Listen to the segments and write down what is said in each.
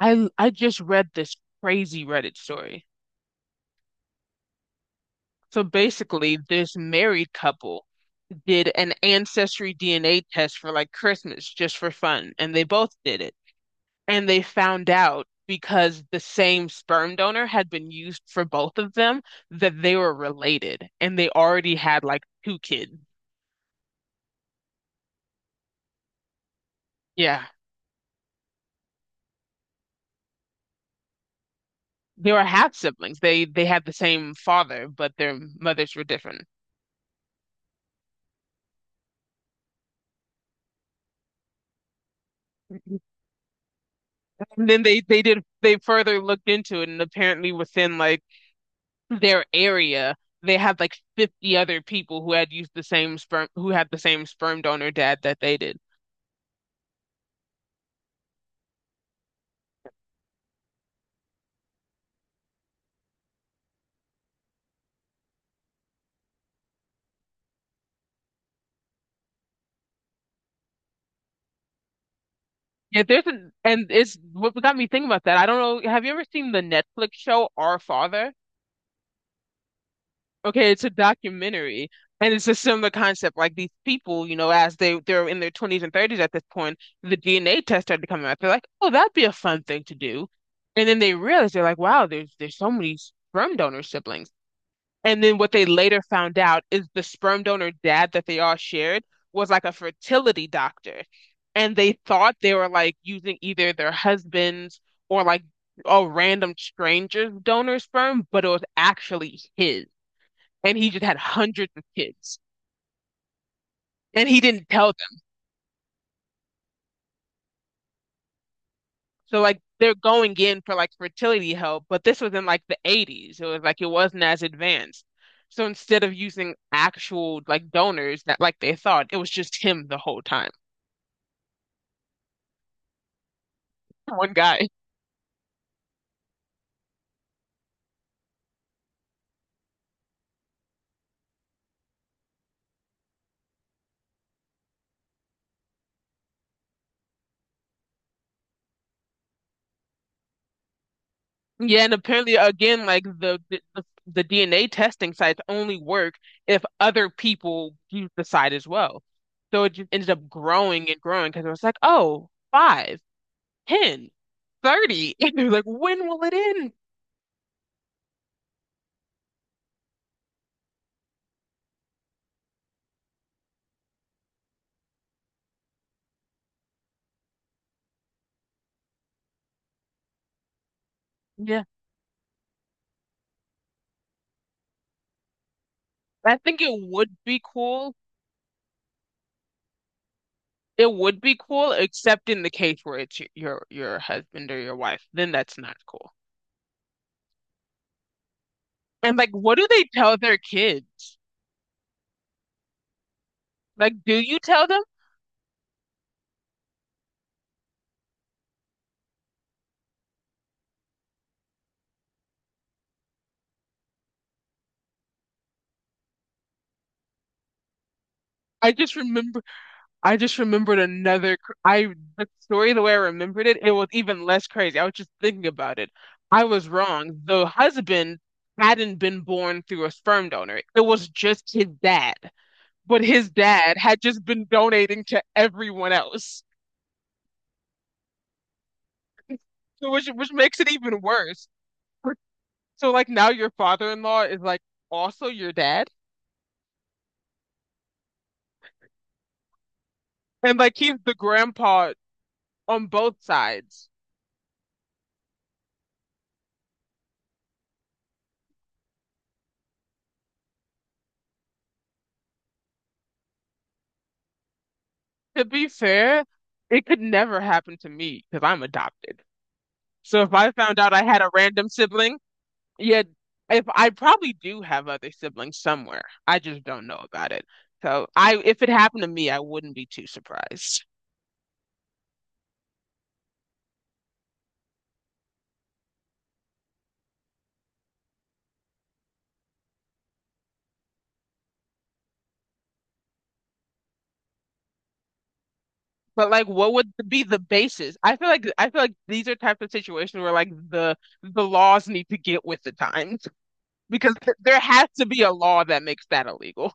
I just read this crazy Reddit story. So basically, this married couple did an ancestry DNA test for like Christmas just for fun, and they both did it. And they found out because the same sperm donor had been used for both of them that they were related and they already had like two kids. Yeah. They were half siblings. They had the same father, but their mothers were different. And then they further looked into it and apparently within like their area, they had like 50 other people who had used the same sperm, who had the same sperm donor dad that they did. Yeah, and it's what got me thinking about that. I don't know. Have you ever seen the Netflix show Our Father? Okay, it's a documentary, and it's a similar concept. Like these people, you know, as they're in their 20s and 30s at this point, the DNA test started coming out. They're like, oh, that'd be a fun thing to do, and then they realize they're like, wow, there's so many sperm donor siblings. And then what they later found out is the sperm donor dad that they all shared was like a fertility doctor. And they thought they were like using either their husband's or like a random stranger's donor sperm, but it was actually his. And he just had hundreds of kids. And he didn't tell them. So like they're going in for like fertility help, but this was in like the 80s. It was like it wasn't as advanced. So instead of using actual like donors that like they thought, it was just him the whole time. One guy. Yeah, and apparently again, like the DNA testing sites only work if other people use the site as well. So it just ended up growing and growing because it was like, oh, five, ten, 30. And they're like, when will it end? Yeah. I think it would be cool. It would be cool, except in the case where it's your husband or your wife. Then that's not cool. And like, what do they tell their kids? Like, do you tell them? I just remember I just remembered another. Cr- I The story the way I remembered it, it was even less crazy. I was just thinking about it. I was wrong. The husband hadn't been born through a sperm donor. It was just his dad. But his dad had just been donating to everyone else, so which makes it even worse. So like now your father-in-law is like also your dad, and like he's the grandpa on both sides. To be fair, it could never happen to me because I'm adopted. So if I found out I had a random sibling, yeah, if I probably do have other siblings somewhere, I just don't know about it. So if it happened to me, I wouldn't be too surprised. But like, what would be the basis? I feel like these are types of situations where like the laws need to get with the times because there has to be a law that makes that illegal.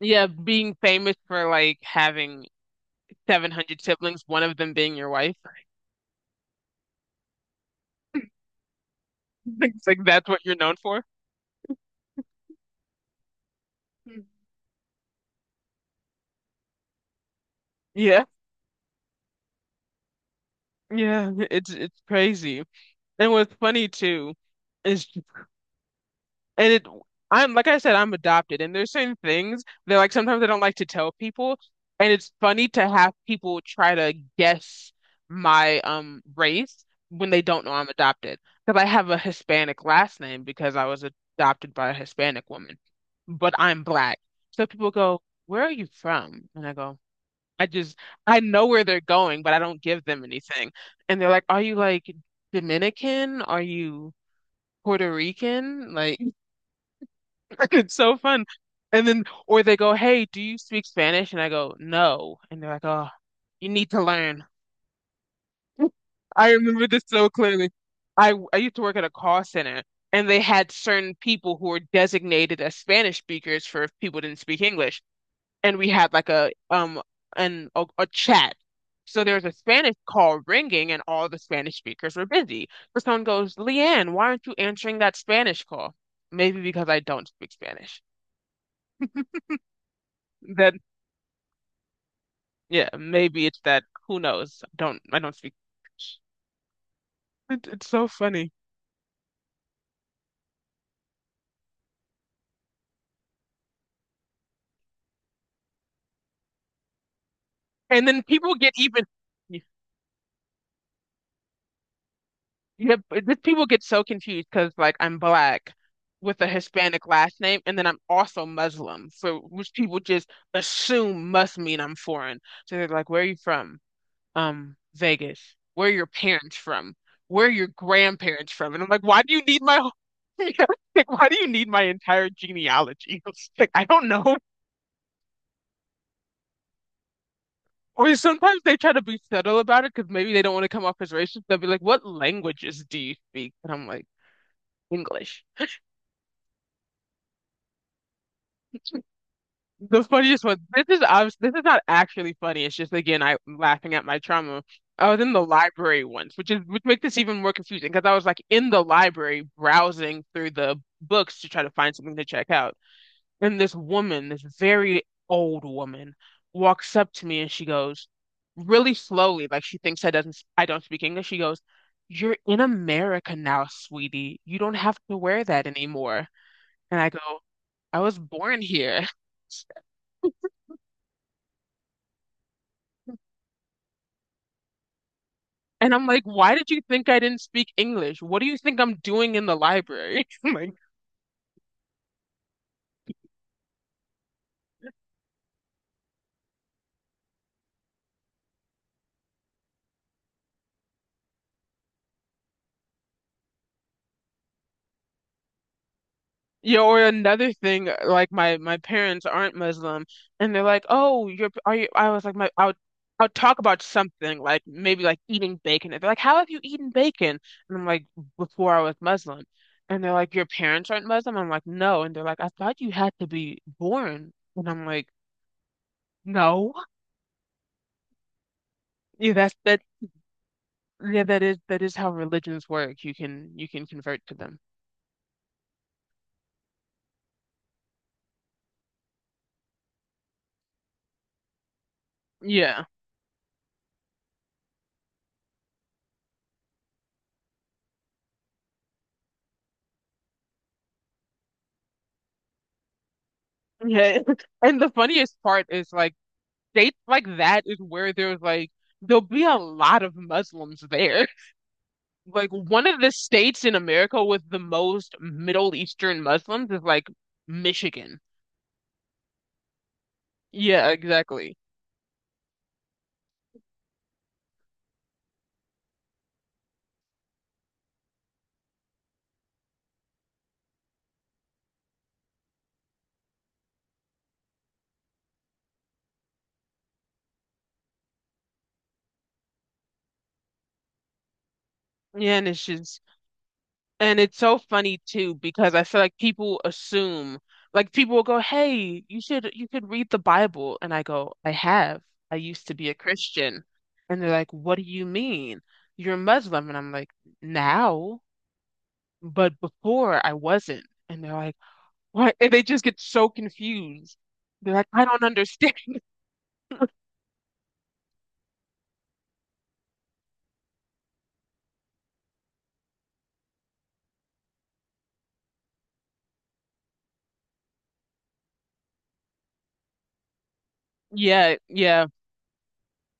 Yeah, being famous for like having 700 siblings, one of them being your wife. It's like that's what you're known for. Mm. Yeah. Yeah, it's crazy. And what's funny too is and it I'm like I said, I'm adopted and there's certain things that like sometimes I don't like to tell people and it's funny to have people try to guess my race when they don't know I'm adopted. Because I have a Hispanic last name because I was adopted by a Hispanic woman. But I'm black. So people go, "Where are you from?" And I go, I just I know where they're going, but I don't give them anything. And they're like, "Are you like Dominican? Are you Puerto Rican?" Like it's so fun. And then or they go, "Hey, do you speak Spanish?" And I go, "No." And they're like, "Oh, you need to learn." I remember this so clearly. I used to work at a call center and they had certain people who were designated as Spanish speakers for if people didn't speak English. And we had like a chat. So there's a Spanish call ringing, and all the Spanish speakers were busy. So someone goes, "Leanne, why aren't you answering that Spanish call?" Maybe because I don't speak Spanish. That Yeah, maybe it's that. Who knows? I don't speak Spanish. It's so funny. And then people get even. Yeah, but this people get so confused because like I'm black with a Hispanic last name, and then I'm also Muslim, so which people just assume must mean I'm foreign. So they're like, "Where are you from?" Vegas. Where are your parents from? Where are your grandparents from? And I'm like, "Why do you need my whole- Yeah, like, why do you need my entire genealogy?" Like, I don't know. Or sometimes they try to be subtle about it because maybe they don't want to come off as racist. They'll be like, "What languages do you speak?" And I'm like, English. The funniest one. This is obvious. This is not actually funny. It's just again, I'm laughing at my trauma. I was in the library once, which is which makes this even more confusing because I was like in the library browsing through the books to try to find something to check out, and this woman, this very old woman, walks up to me and she goes really slowly, like she thinks I don't speak English. She goes, "You're in America now, sweetie. You don't have to wear that anymore." And I go, "I was born here." And I'm like, why did you think I didn't speak English? What do you think I'm doing in the library? I'm like, yeah, or another thing, like my parents aren't Muslim, and they're like, "Oh, you're are you?" I was like, "My I would talk about something like maybe like eating bacon." And they're like, "How have you eaten bacon?" And I'm like, "Before I was Muslim," and they're like, "Your parents aren't Muslim?" I'm like, "No," and they're like, "I thought you had to be born," and I'm like, "No, yeah, that's that. Yeah, that is how religions work. You can convert to them." Yeah. Yeah. And the funniest part is like states like that is where there's like there'll be a lot of Muslims there. Like one of the states in America with the most Middle Eastern Muslims is like Michigan. Yeah, exactly. Yeah, and it's just and it's so funny too because I feel like people assume like people will go, "Hey, you could read the Bible." And I go, "I have. I used to be a Christian." And they're like, "What do you mean? You're Muslim." And I'm like, "Now." But before I wasn't. And they're like, what? And they just get so confused. They're like, I don't understand. Yeah, yeah.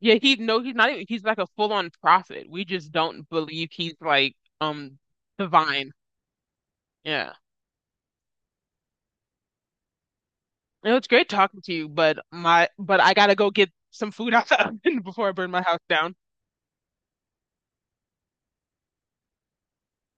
Yeah, he no, he's not even, he's like a full-on prophet. We just don't believe he's like divine. Yeah. It was great talking to you, but my but I gotta go get some food out the oven before I burn my house down.